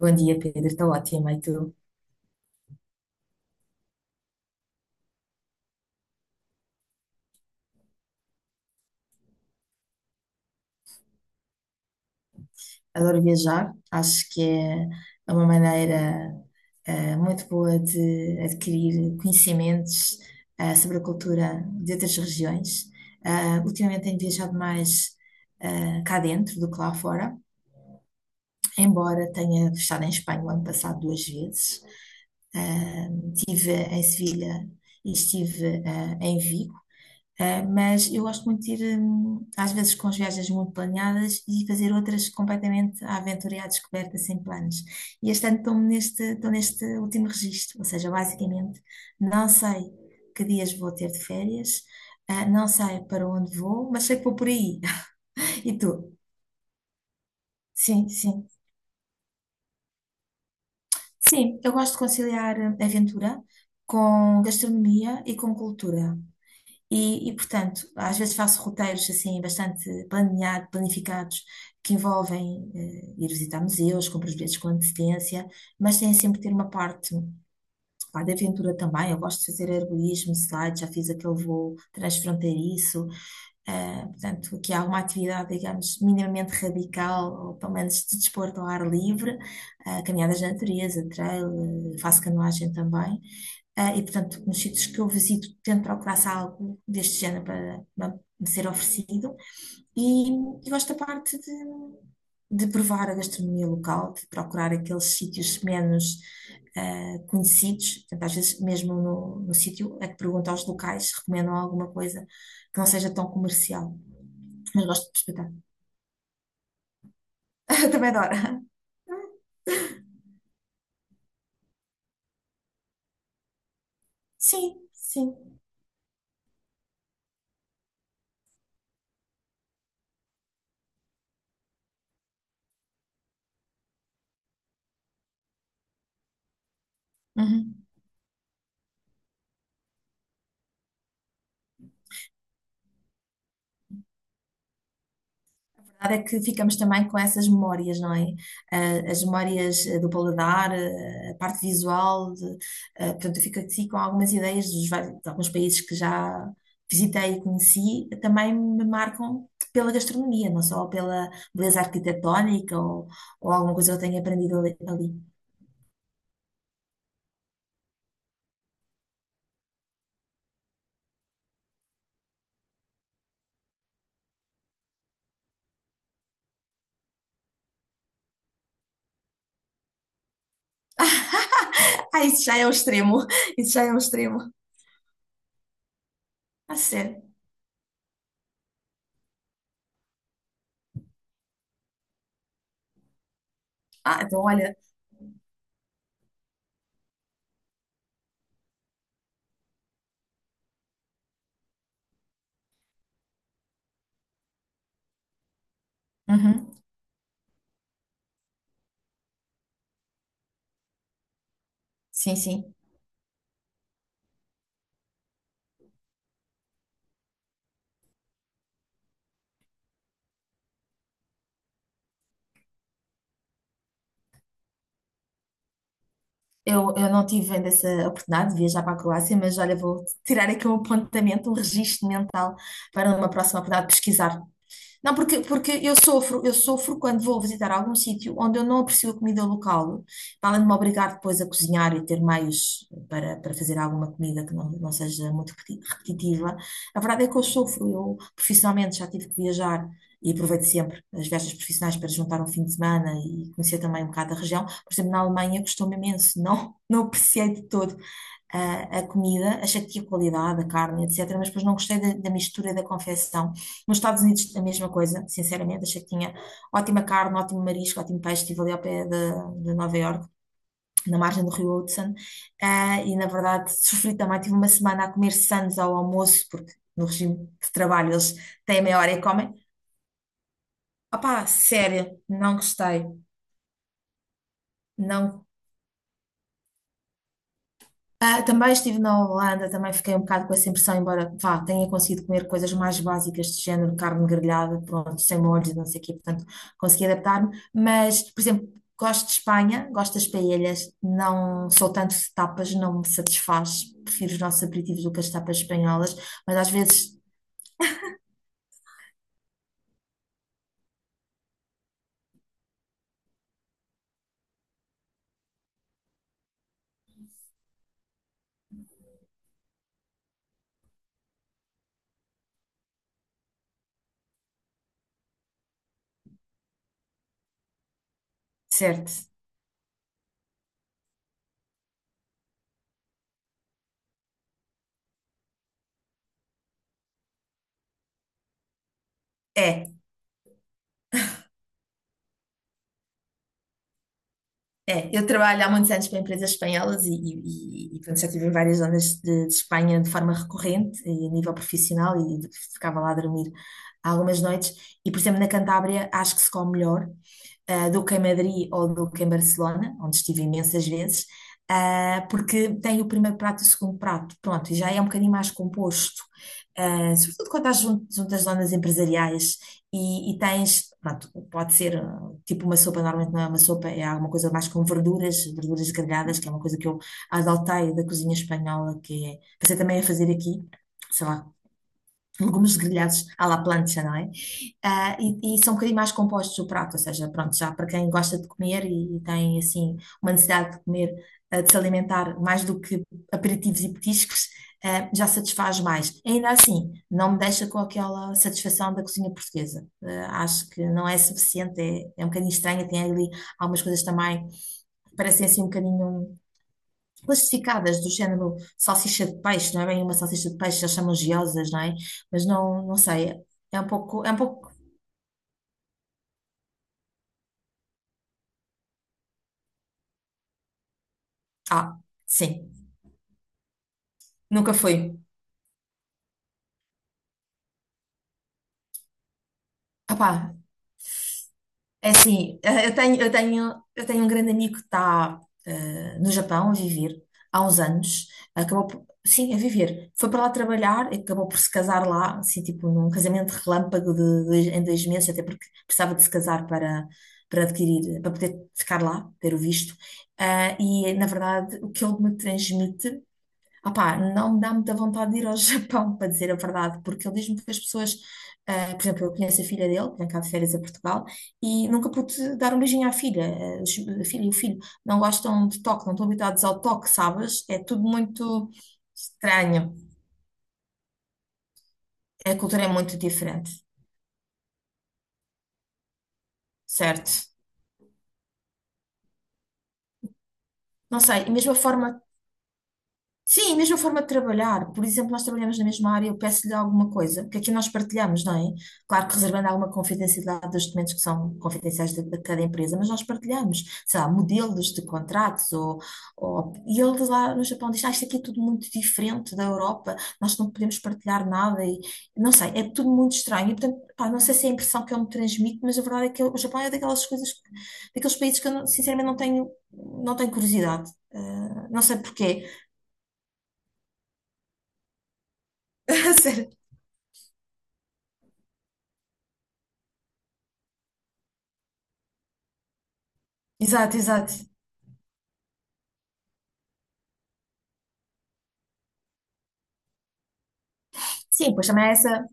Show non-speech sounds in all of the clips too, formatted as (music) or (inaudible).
Bom dia, Pedro. Estou ótima. E tu? Adoro viajar. Acho que é uma maneira muito boa de adquirir conhecimentos sobre a cultura de outras regiões. Ultimamente tenho viajado mais cá dentro do que lá fora, embora tenha estado em Espanha o ano passado duas vezes. Ah, Estive em Sevilha e estive em Vigo. Mas eu gosto muito de ir, às vezes, com as viagens muito planeadas e fazer outras completamente à aventura e à descoberta, sem planos. E este ano estou neste último registro, ou seja, basicamente, não sei que dias vou ter de férias, não sei para onde vou, mas sei que vou por aí. (laughs) E tu? Sim, sim. Sim, eu gosto de conciliar aventura com gastronomia e com cultura. E portanto, às vezes faço roteiros assim bastante planificados, que envolvem ir visitar museus, compro os bilhetes com antecedência, mas tem sempre ter uma parte pá, de aventura também. Eu gosto de fazer arborismo, slide, já fiz aquele voo transfronteiriço. Portanto, aqui há uma atividade, digamos, minimamente radical, ou pelo menos de desporto ao ar livre, caminhadas na natureza, trail, faço canoagem também. E, portanto, nos sítios que eu visito, tento procurar se há algo deste género para me ser oferecido. E, e gosto da parte de provar a gastronomia local, de procurar aqueles sítios menos conhecidos. Portanto, às vezes, mesmo no, no sítio, é que pergunto aos locais se recomendam alguma coisa que não seja tão comercial. Mas gosto de experimentar. (laughs) Também adoro. Sim, sim. Uhum. Verdade é que ficamos também com essas memórias, não é? Ah, as memórias do paladar, eh, a parte visual, de, portanto, eu fico aqui com algumas ideias de alguns países que já visitei e conheci, também me marcam pela gastronomia, não só pela beleza arquitetónica ou alguma coisa que eu tenha aprendido ali. Ah, isso já é o extremo, (laughs) isso já é o extremo. Ah, sério. Ah, então olha. Uhum. Sim, sim. Eu não tive ainda essa oportunidade de viajar para a Croácia, mas olha, vou tirar aqui um apontamento, um registro mental para uma próxima oportunidade de pesquisar. Não, porque eu sofro quando vou visitar algum sítio onde eu não aprecio a comida local, para além de me obrigar depois a cozinhar e ter meios para fazer alguma comida que não seja muito repetitiva. A verdade é que eu sofro, eu profissionalmente já tive que viajar e aproveito sempre as viagens profissionais para juntar um fim de semana e conhecer também um bocado a região. Por exemplo, na Alemanha custou-me imenso, não apreciei de todo a, a comida, achei que tinha qualidade, a carne, etc., mas depois não gostei da mistura e da confecção. Nos Estados Unidos, a mesma coisa, sinceramente, achei que tinha ótima carne, ótimo marisco, ótimo peixe, estive ali ao pé de Nova York. Na margem do Rio Hudson, ah, e na verdade sofri também. Tive uma semana a comer sãs ao almoço, porque no regime de trabalho eles têm meia hora e comem. Opá, sério, não gostei. Não. Ah, também estive na Holanda, também fiquei um bocado com essa impressão, embora vá, tenha conseguido comer coisas mais básicas de género, carne grelhada, pronto, sem molhos, e não sei o quê, portanto, consegui adaptar-me. Mas, por exemplo, gosto de Espanha, gosto das paellas, não sou tanto de tapas, não me satisfaz, prefiro os nossos aperitivos do que as tapas espanholas, mas às vezes, certo, é. É, eu trabalho há muitos anos para empresas espanholas e portanto, já estive em várias zonas de Espanha de forma recorrente e a nível profissional e ficava lá a dormir algumas noites. E, por exemplo, na Cantábria acho que se come melhor do que em Madrid ou do que em Barcelona, onde estive imensas vezes, porque tem o primeiro prato e o segundo prato, pronto, e já é um bocadinho mais composto. Sobretudo quando estás junto às zonas empresariais e tens, pronto, pode ser tipo uma sopa, normalmente não é uma sopa, é alguma coisa mais com verduras, verduras grelhadas, que é uma coisa que eu adotei da cozinha espanhola, que é, pensei também a fazer aqui, sei lá, legumes grelhados à la plancha, não é? E, e são um bocadinho mais compostos o prato, ou seja, pronto, já para quem gosta de comer e, tem assim uma necessidade de comer, de se alimentar mais do que aperitivos e petiscos, já satisfaz mais. Ainda assim, não me deixa com aquela satisfação da cozinha portuguesa. Acho que não é suficiente, é um bocadinho estranha, tem ali algumas coisas também que parecem assim um bocadinho plastificadas, do género salsicha de peixe, não é bem uma salsicha de peixe, eles chamam giosas, não é? Mas não sei, é um pouco, ah, sim, nunca fui. Opá, é assim, eh, eu tenho um grande amigo que está no Japão a viver há uns anos. Acabou por, sim, a viver. Foi para lá trabalhar e acabou por se casar lá, assim, tipo, num casamento relâmpago em dois meses, até porque precisava de se casar para, para adquirir, para poder ficar lá, ter o visto. Ah, e, na verdade, o que ele me transmite. Opá, não me dá muita vontade de ir ao (laughs) Japão, para dizer a verdade, porque ele diz-me que as pessoas, por exemplo, eu conheço a filha dele, que vem cá de férias a Portugal, e nunca pude dar um beijinho à filha. A filha e o filho não gostam de toque, não estão habituados ao toque, sabes? É tudo muito estranho, a cultura é muito diferente, certo? Não sei, e mesmo a forma. Sim, a mesma forma de trabalhar. Por exemplo, nós trabalhamos na mesma área, eu peço-lhe alguma coisa, que aqui nós partilhamos, não é? Claro que reservando alguma confidencialidade dos documentos que são confidenciais de cada empresa, mas nós partilhamos, sei lá, modelos de contratos ou... E ele lá no Japão diz, ah, isto aqui é tudo muito diferente da Europa, nós não podemos partilhar nada e... Não sei, é tudo muito estranho. E, portanto, pá, não sei se é a impressão que eu me transmito, mas a verdade é que o Japão é daquelas coisas, daqueles países que eu, não- sinceramente, não tenho curiosidade. Eh, não sei porquê. (laughs) Exato, exato. Sim, pois também é essa.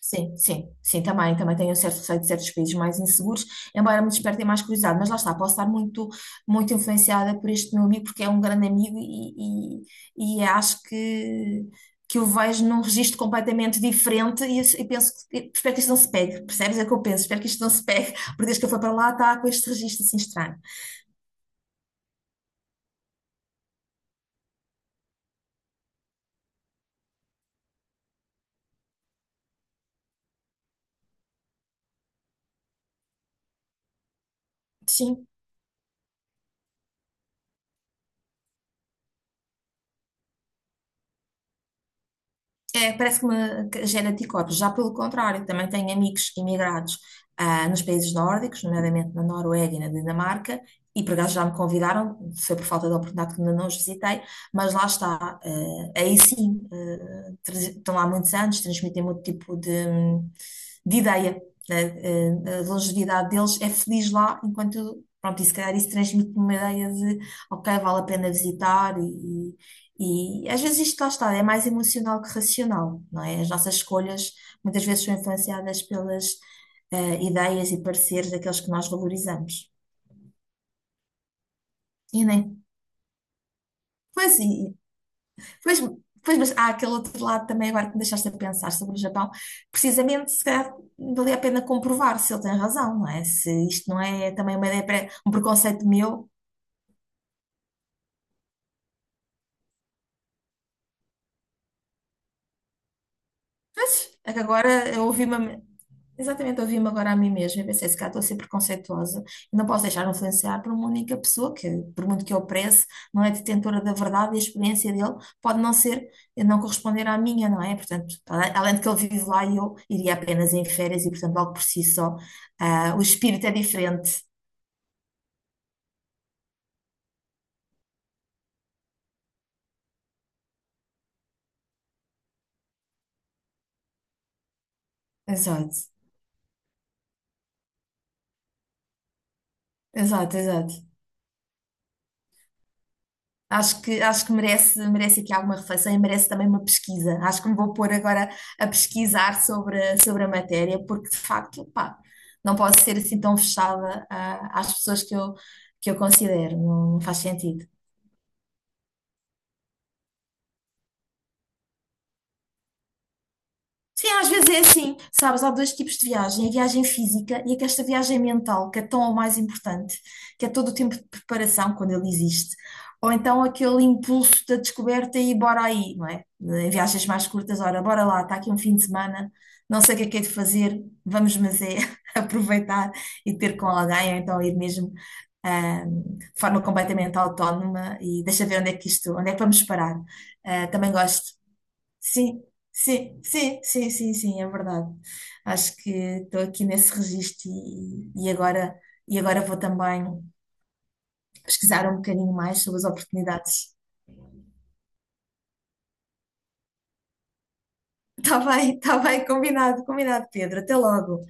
Sim, sim, sim, também, também tenho um certo receio de certos países mais inseguros, embora me despertem mais curiosidade, mas lá está, muito influenciada por este meu amigo, porque é um grande amigo e acho que o vejo num registro completamente diferente e penso, espero que isto não se pegue, percebes? É o que eu penso, espero que isto não se pegue, porque desde que eu fui para lá está com este registro assim estranho. Sim. É, parece que me que gera anticorpos. Já pelo contrário, também tenho amigos imigrados nos países nórdicos, nomeadamente na Noruega e na Dinamarca, e por acaso já me convidaram, foi por falta de oportunidade que ainda não os visitei, mas lá está. Aí sim, estão lá há muitos anos, transmitem muito tipo de ideia. A longevidade deles é feliz lá, enquanto, pronto, e se calhar isso transmite-me uma ideia de, ok, vale a pena visitar e às vezes isto lá está, é mais emocional que racional, não é? As nossas escolhas muitas vezes são influenciadas pelas ideias e pareceres daqueles que nós valorizamos. E nem. Pois, e, pois, pois, mas há aquele outro lado também agora que me deixaste a pensar sobre o Japão. Precisamente, se calhar, valia a pena comprovar se ele tem razão, não é? Se isto não é também uma ideia, um preconceito meu. Mas é que agora eu ouvi-me. Exatamente, eu ouvi-me agora a mim mesma e pensei, se calhar estou a ser preconceituosa e não posso deixar-me influenciar por uma única pessoa que, por muito que eu prece, não é detentora da verdade e a experiência dele pode não ser, não corresponder à minha, não é? Portanto, além de que ele vive lá e eu iria apenas em férias e, portanto, logo por si só, o espírito é diferente. Exato, exato. Acho que merece aqui alguma reflexão e merece também uma pesquisa. Acho que me vou pôr agora a pesquisar sobre a matéria, porque de facto, pá, não posso ser assim tão fechada, às pessoas que que eu considero, não faz sentido. Sim, às vezes é assim, sabes? Há dois tipos de viagem, a viagem física e esta viagem mental, que é tão ou mais importante, que é todo o tempo de preparação, quando ele existe, ou então aquele impulso da descoberta e bora aí, não é? Em viagens mais curtas, ora, bora lá, está aqui um fim de semana, não sei o que é de fazer, vamos, mas é (laughs) aproveitar e ter com alguém, ou então ir mesmo de forma completamente autónoma e deixa ver onde é que isto, onde é que vamos parar. Ah, também gosto. Sim, sim, é verdade. Acho que estou aqui nesse registro e agora vou também pesquisar um bocadinho mais sobre as oportunidades. (laughs) Está bem, combinado, combinado, Pedro. Até logo.